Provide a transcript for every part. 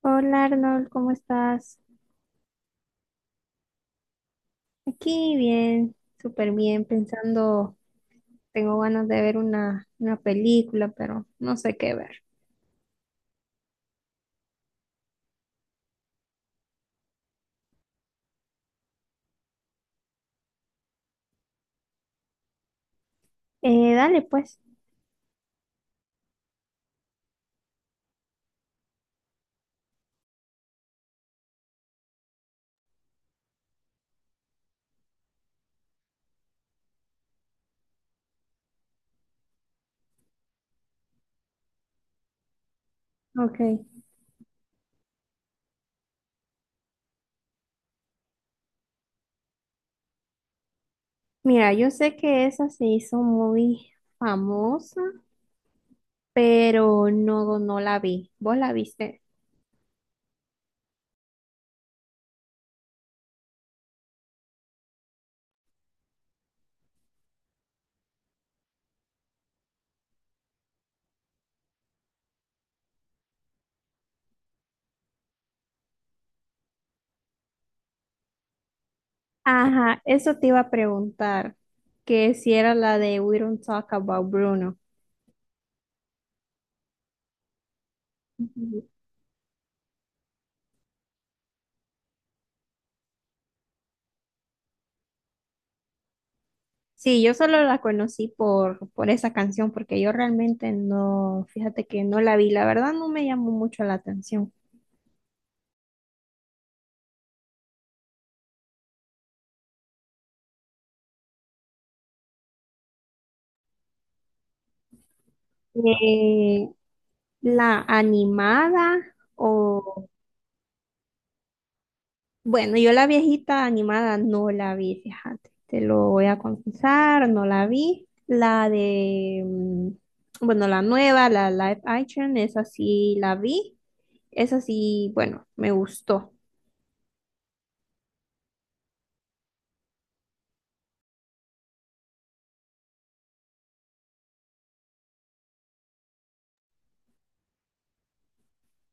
Hola Arnold, ¿cómo estás? Aquí bien, súper bien, pensando, tengo ganas de ver una película, pero no sé qué ver. Dale pues, ok. Mira, yo sé que esa se hizo muy famosa, pero no, no la vi. ¿Vos la viste? Ajá, eso te iba a preguntar, que si era la de We Don't Talk About Bruno. Sí, yo solo la conocí por esa canción, porque yo realmente no, fíjate que no la vi, la verdad no me llamó mucho la atención. Eh, la animada o, bueno, yo la viejita animada no la vi, fíjate, te lo voy a confesar, no la vi. La de, bueno, la nueva, la live action, esa sí la vi, esa sí, bueno, me gustó.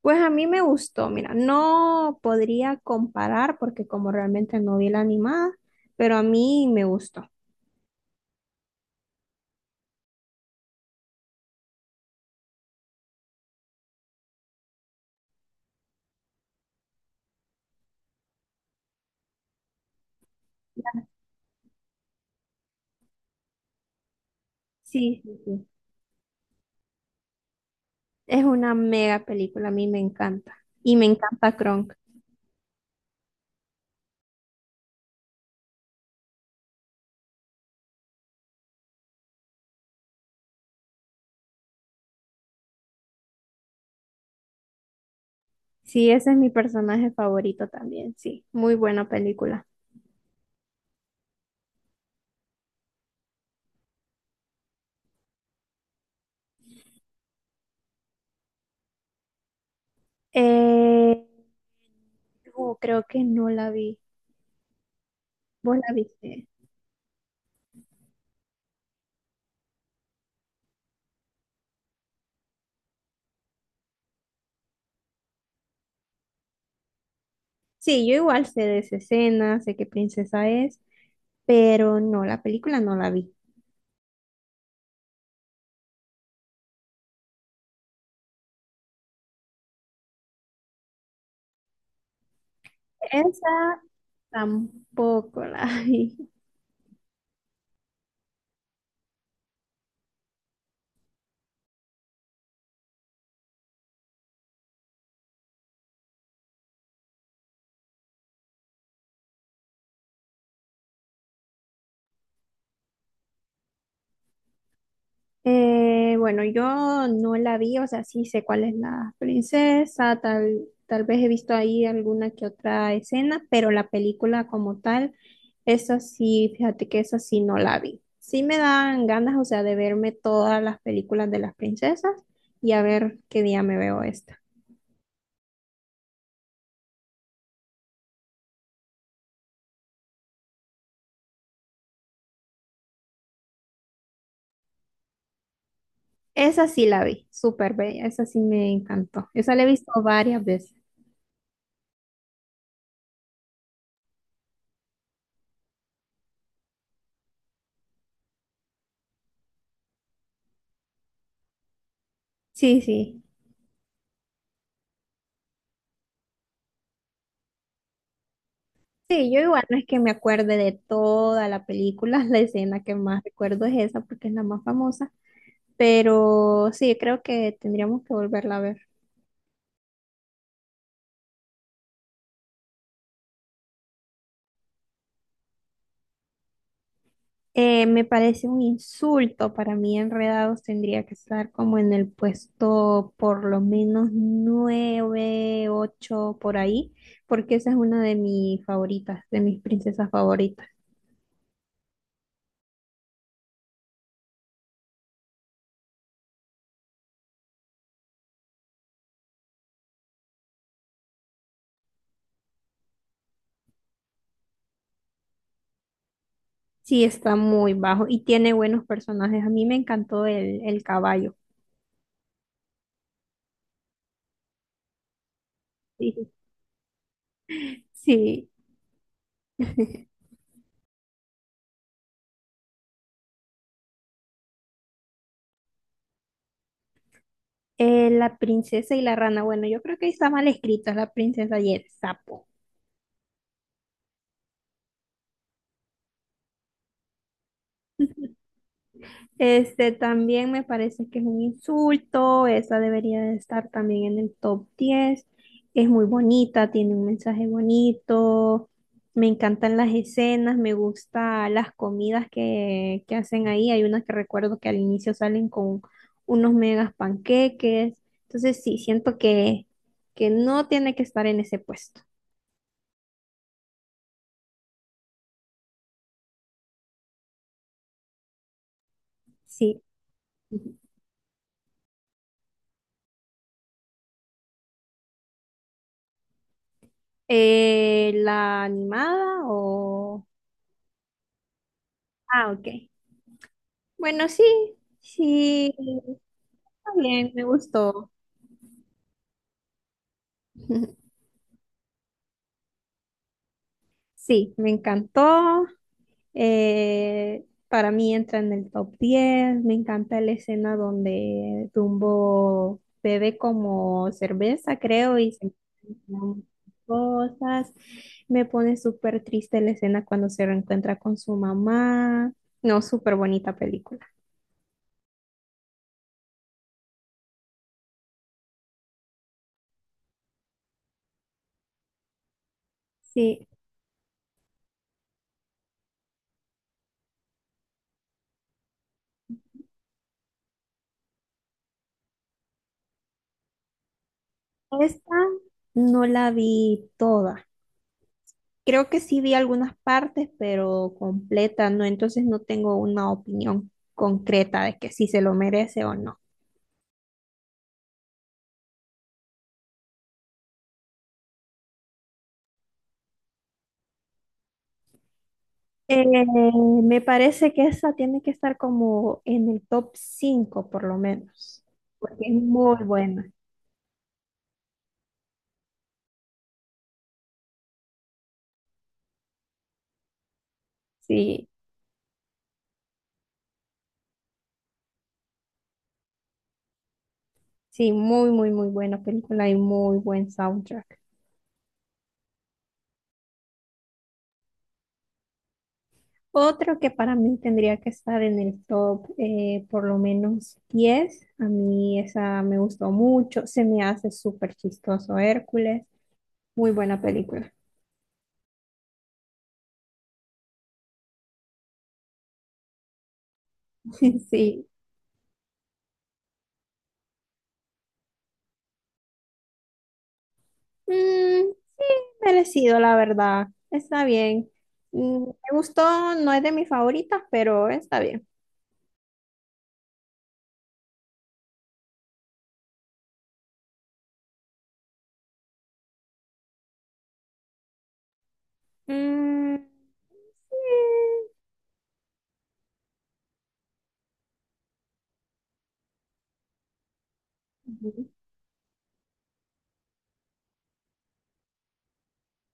Pues a mí me gustó, mira, no podría comparar porque como realmente no vi la animada, pero a mí me gustó. Sí, sí, sí. Es una mega película, a mí me encanta. Y me encanta Kronk. Sí, ese es mi personaje favorito también, sí. Muy buena película. Eh, oh, creo que no la vi. ¿Vos la viste? Sí, yo igual sé de esa escena, sé qué princesa es, pero no, la película no la vi. Esa tampoco la vi. Bueno, yo no la vi, o sea, sí sé cuál es la princesa, tal vez he visto ahí alguna que otra escena, pero la película como tal, esa sí, fíjate que esa sí no la vi. Sí me dan ganas, o sea, de verme todas las películas de las princesas y a ver qué día me veo esta. Esa sí la vi, súper bella, esa sí me encantó. Esa la he visto varias veces. Sí, sí. Sí, yo igual no es que me acuerde de toda la película, la escena que más recuerdo es esa porque es la más famosa, pero sí, creo que tendríamos que volverla a ver. Me parece un insulto para mí, Enredados tendría que estar como en el puesto por lo menos nueve, ocho, por ahí, porque esa es una de mis favoritas, de mis princesas favoritas. Sí, está muy bajo y tiene buenos personajes. A mí me encantó el caballo. Sí. Sí. La princesa y la rana. Bueno, yo creo que ahí está mal escrito, es la princesa y el sapo. Este también me parece que es un insulto, esa debería de estar también en el top 10. Es muy bonita, tiene un mensaje bonito, me encantan las escenas, me gustan las comidas que hacen ahí. Hay unas que recuerdo que al inicio salen con unos megas panqueques. Entonces sí, siento que no tiene que estar en ese puesto. Sí. Ujú. ¿La animada o...? Ah, ok. Bueno, sí, sí, está bien, me gustó. Sí, me encantó. Para mí entra en el top 10. Me encanta la escena donde Dumbo bebe como cerveza, creo, y se encuentran cosas. Me pone súper triste la escena cuando se reencuentra con su mamá. No, súper bonita película. Sí, esta no la vi toda. Creo que sí vi algunas partes, pero completa, no, entonces no tengo una opinión concreta de que si se lo merece o no. Eh, me parece que esa tiene que estar como en el top 5 por lo menos, porque es muy buena. Sí, sí, muy, muy, muy buena película y muy buen soundtrack. Otro que para mí tendría que estar en el top por lo menos 10. A mí esa me gustó mucho, se me hace súper chistoso Hércules. Muy buena película. Sí. Mm, sí, merecido, la verdad. Está bien. Me gustó, no es de mis favoritas, pero está bien. Mm, sí. Ujú.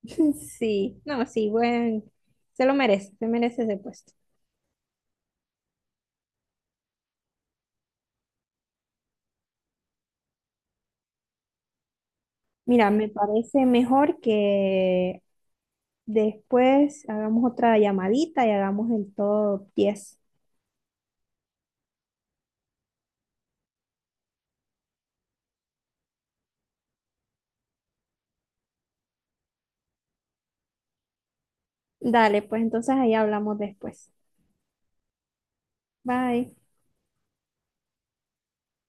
Sí, no, sí, bueno. Se lo merece, se merece ese puesto. Mira, me parece mejor que después hagamos otra llamadita y hagamos el top 10. Dale, pues entonces ahí hablamos después. Bye.